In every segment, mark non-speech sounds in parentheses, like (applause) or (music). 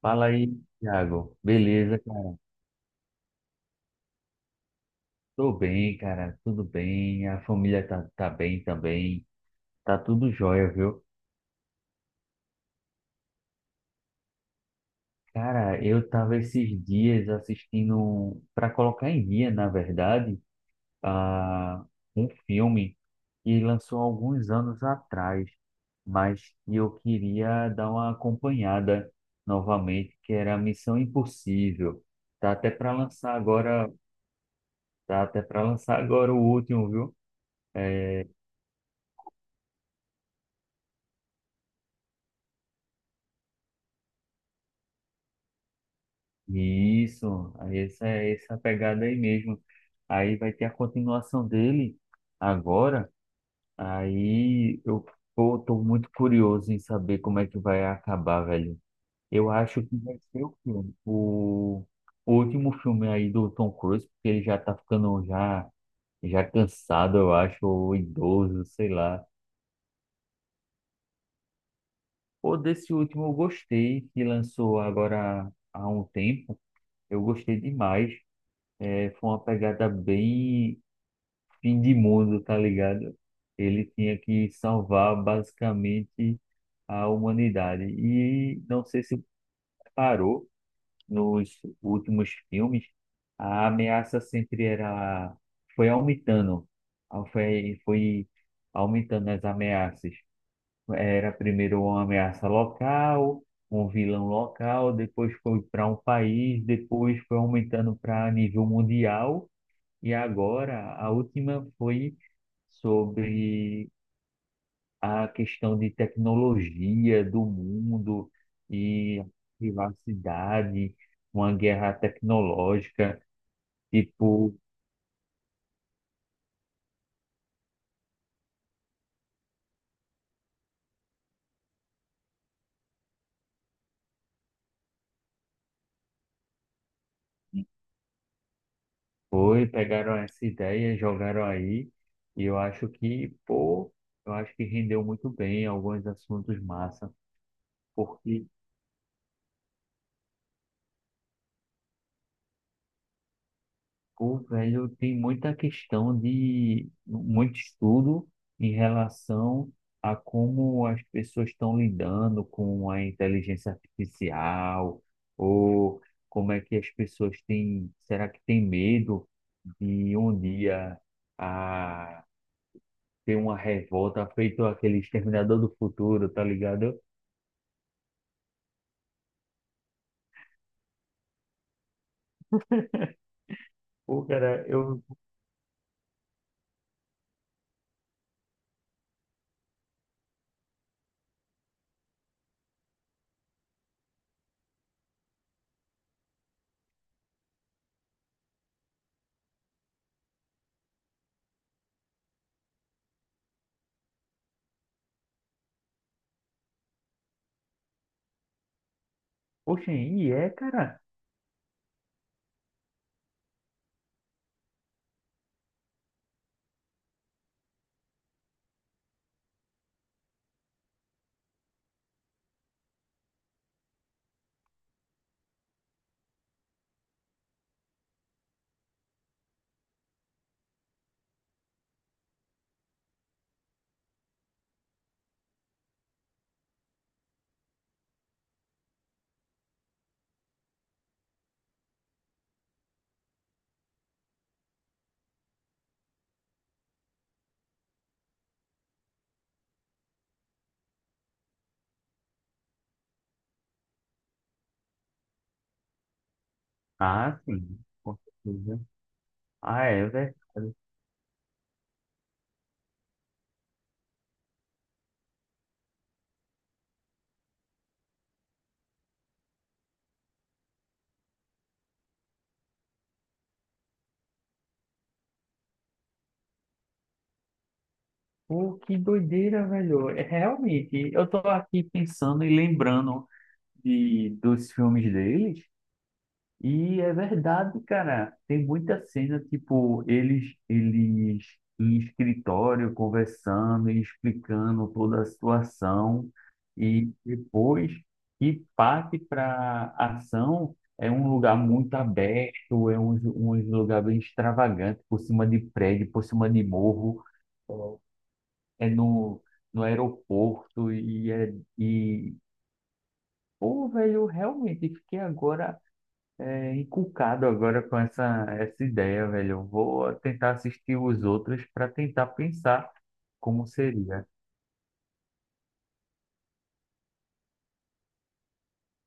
Fala aí, Thiago. Beleza, cara? Tô bem, cara. Tudo bem. A família tá bem também. Tá tudo jóia, viu? Cara, eu tava esses dias assistindo, para colocar em dia, na verdade, a um filme que lançou alguns anos atrás, mas que eu queria dar uma acompanhada novamente, que era Missão Impossível. Tá até para lançar agora, tá até para lançar agora o último, viu? É. Isso, aí essa é essa pegada aí mesmo. Aí vai ter a continuação dele agora. Aí eu pô, tô muito curioso em saber como é que vai acabar, velho. Eu acho que vai ser o filme, o último filme aí do Tom Cruise, porque ele já tá ficando já cansado, eu acho, ou idoso, sei lá. Ou desse último eu gostei, que lançou agora há um tempo. Eu gostei demais. É, foi uma pegada bem fim de mundo, tá ligado? Ele tinha que salvar basicamente a humanidade. E não sei se parou nos últimos filmes. A ameaça sempre era foi aumentando. Ah, foi aumentando as ameaças. Era primeiro uma ameaça local, um vilão local, depois foi para um país, depois foi aumentando para nível mundial. E agora, a última foi sobre a questão de tecnologia do mundo e a privacidade, uma guerra tecnológica. Tipo, foi, pegaram essa ideia, jogaram aí, e eu acho que, pô, eu acho que rendeu muito bem alguns assuntos massa, porque pô, velho, tem muita questão de muito estudo em relação a como as pessoas estão lidando com a inteligência artificial, ou como é que as pessoas será que tem medo de um dia a ter uma revolta feito aquele Exterminador do Futuro, tá ligado? Pô, cara, poxa, e é, cara? Ah, sim, com certeza. Ah, é verdade. Pô, que doideira, velho. É, realmente, eu tô aqui pensando e lembrando dos filmes deles, e é verdade, cara. Tem muita cena, tipo, eles em escritório conversando e explicando toda a situação, e depois que parte para ação, é um lugar muito aberto, é um lugar bem extravagante, por cima de prédio, por cima de morro, é no aeroporto e pô, velho, eu realmente fiquei agora encucado agora com essa ideia, velho. Eu vou tentar assistir os outros para tentar pensar como seria.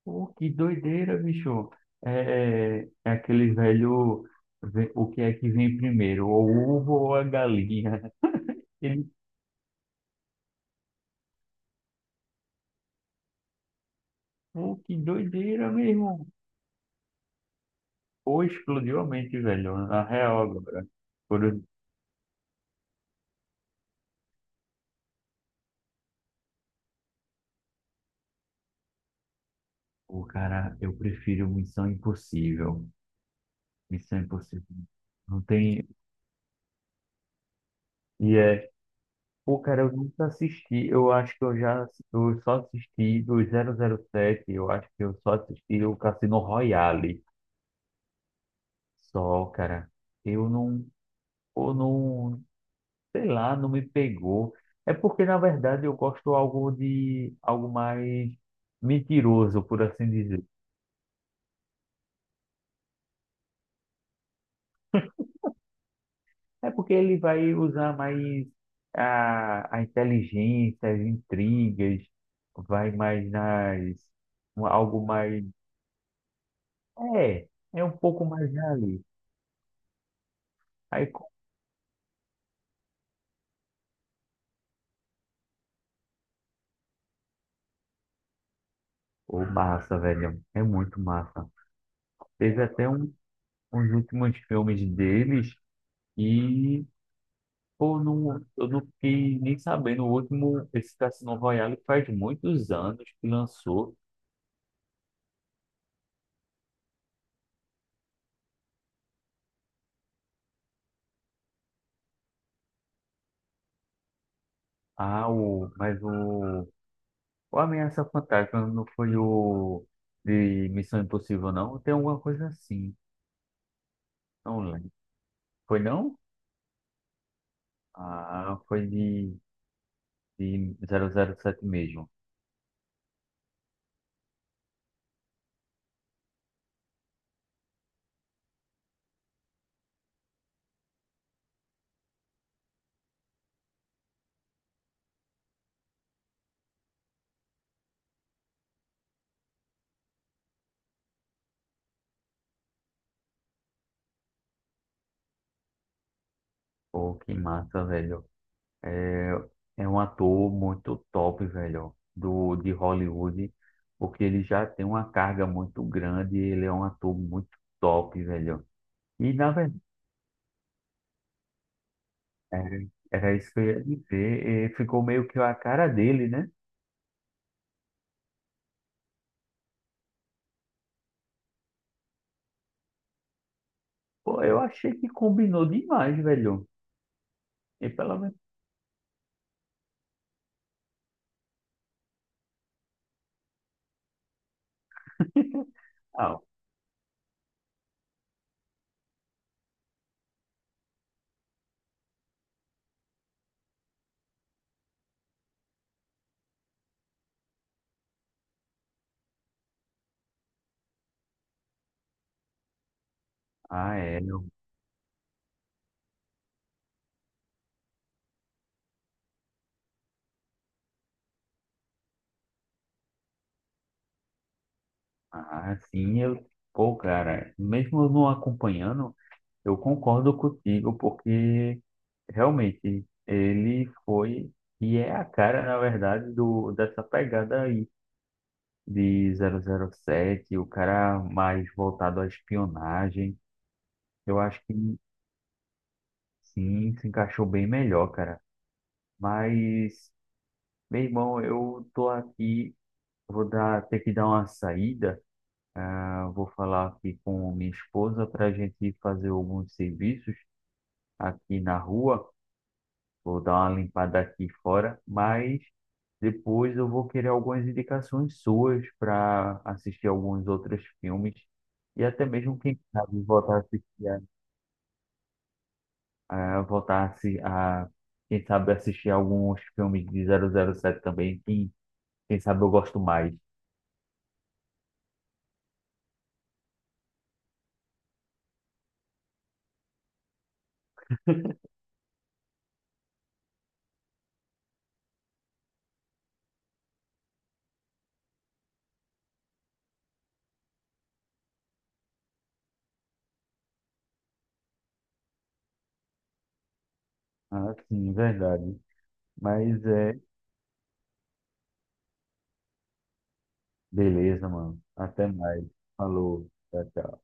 Pô, que doideira, bicho. É, é aquele velho, o que é que vem primeiro, o ovo ou a galinha? (laughs) Ele, Pô, que doideira mesmo. Pô, explodiu a mente, velho, na real agora. Por Pô, cara, eu prefiro Missão Impossível. Missão Impossível. Não tem. E é. Pô, cara, eu nunca assisti. Eu acho que eu já. Eu só assisti do 007. Eu acho que eu só assisti o Cassino Royale. Só, cara. Eu não. Ou não. Sei lá, não me pegou. É porque, na verdade, eu gosto algo de. Algo mais mentiroso, por assim dizer. É porque ele vai usar mais a inteligência, as intrigas, vai mais nas. Algo mais. É, é um pouco mais ali. Aí, co- Ô, massa, velho. É muito massa. Teve até uns últimos filmes deles e, pô, não, eu não fiquei nem sabendo. O último, esse Cassino Royale, faz muitos anos que lançou. Ah, mas o Ameaça Fantástica não foi o de Missão Impossível, não? Tem alguma coisa assim. Não lembro. Foi não? Ah, foi de 007 mesmo. Pô, que massa, velho. É, é, um ator muito top, velho, de Hollywood, porque ele já tem uma carga muito grande, ele é um ator muito top, velho. E, na verdade, era isso que eu ia dizer, ficou meio que a cara dele, né? Pô, eu achei que combinou demais, velho. E pelo menos (laughs) digital. Ah, é. Ah, sim, eu. Pô, cara, mesmo eu não acompanhando, eu concordo contigo, porque realmente ele foi e é a cara, na verdade, dessa pegada aí de 007, o cara mais voltado à espionagem. Eu acho que sim, se encaixou bem melhor, cara. Mas, meu irmão, eu tô aqui, ter que dar uma saída. Ah, vou falar aqui com minha esposa para a gente fazer alguns serviços aqui na rua. Vou dar uma limpada aqui fora, mas depois eu vou querer algumas indicações suas para assistir alguns outros filmes e até mesmo quem sabe voltar a assistir a voltar a, se- a quem sabe assistir alguns filmes de 007 também, que quem sabe eu gosto mais. Ah, sim, verdade. Mas é. Beleza, mano. Até mais. Falou. Tchau, tchau.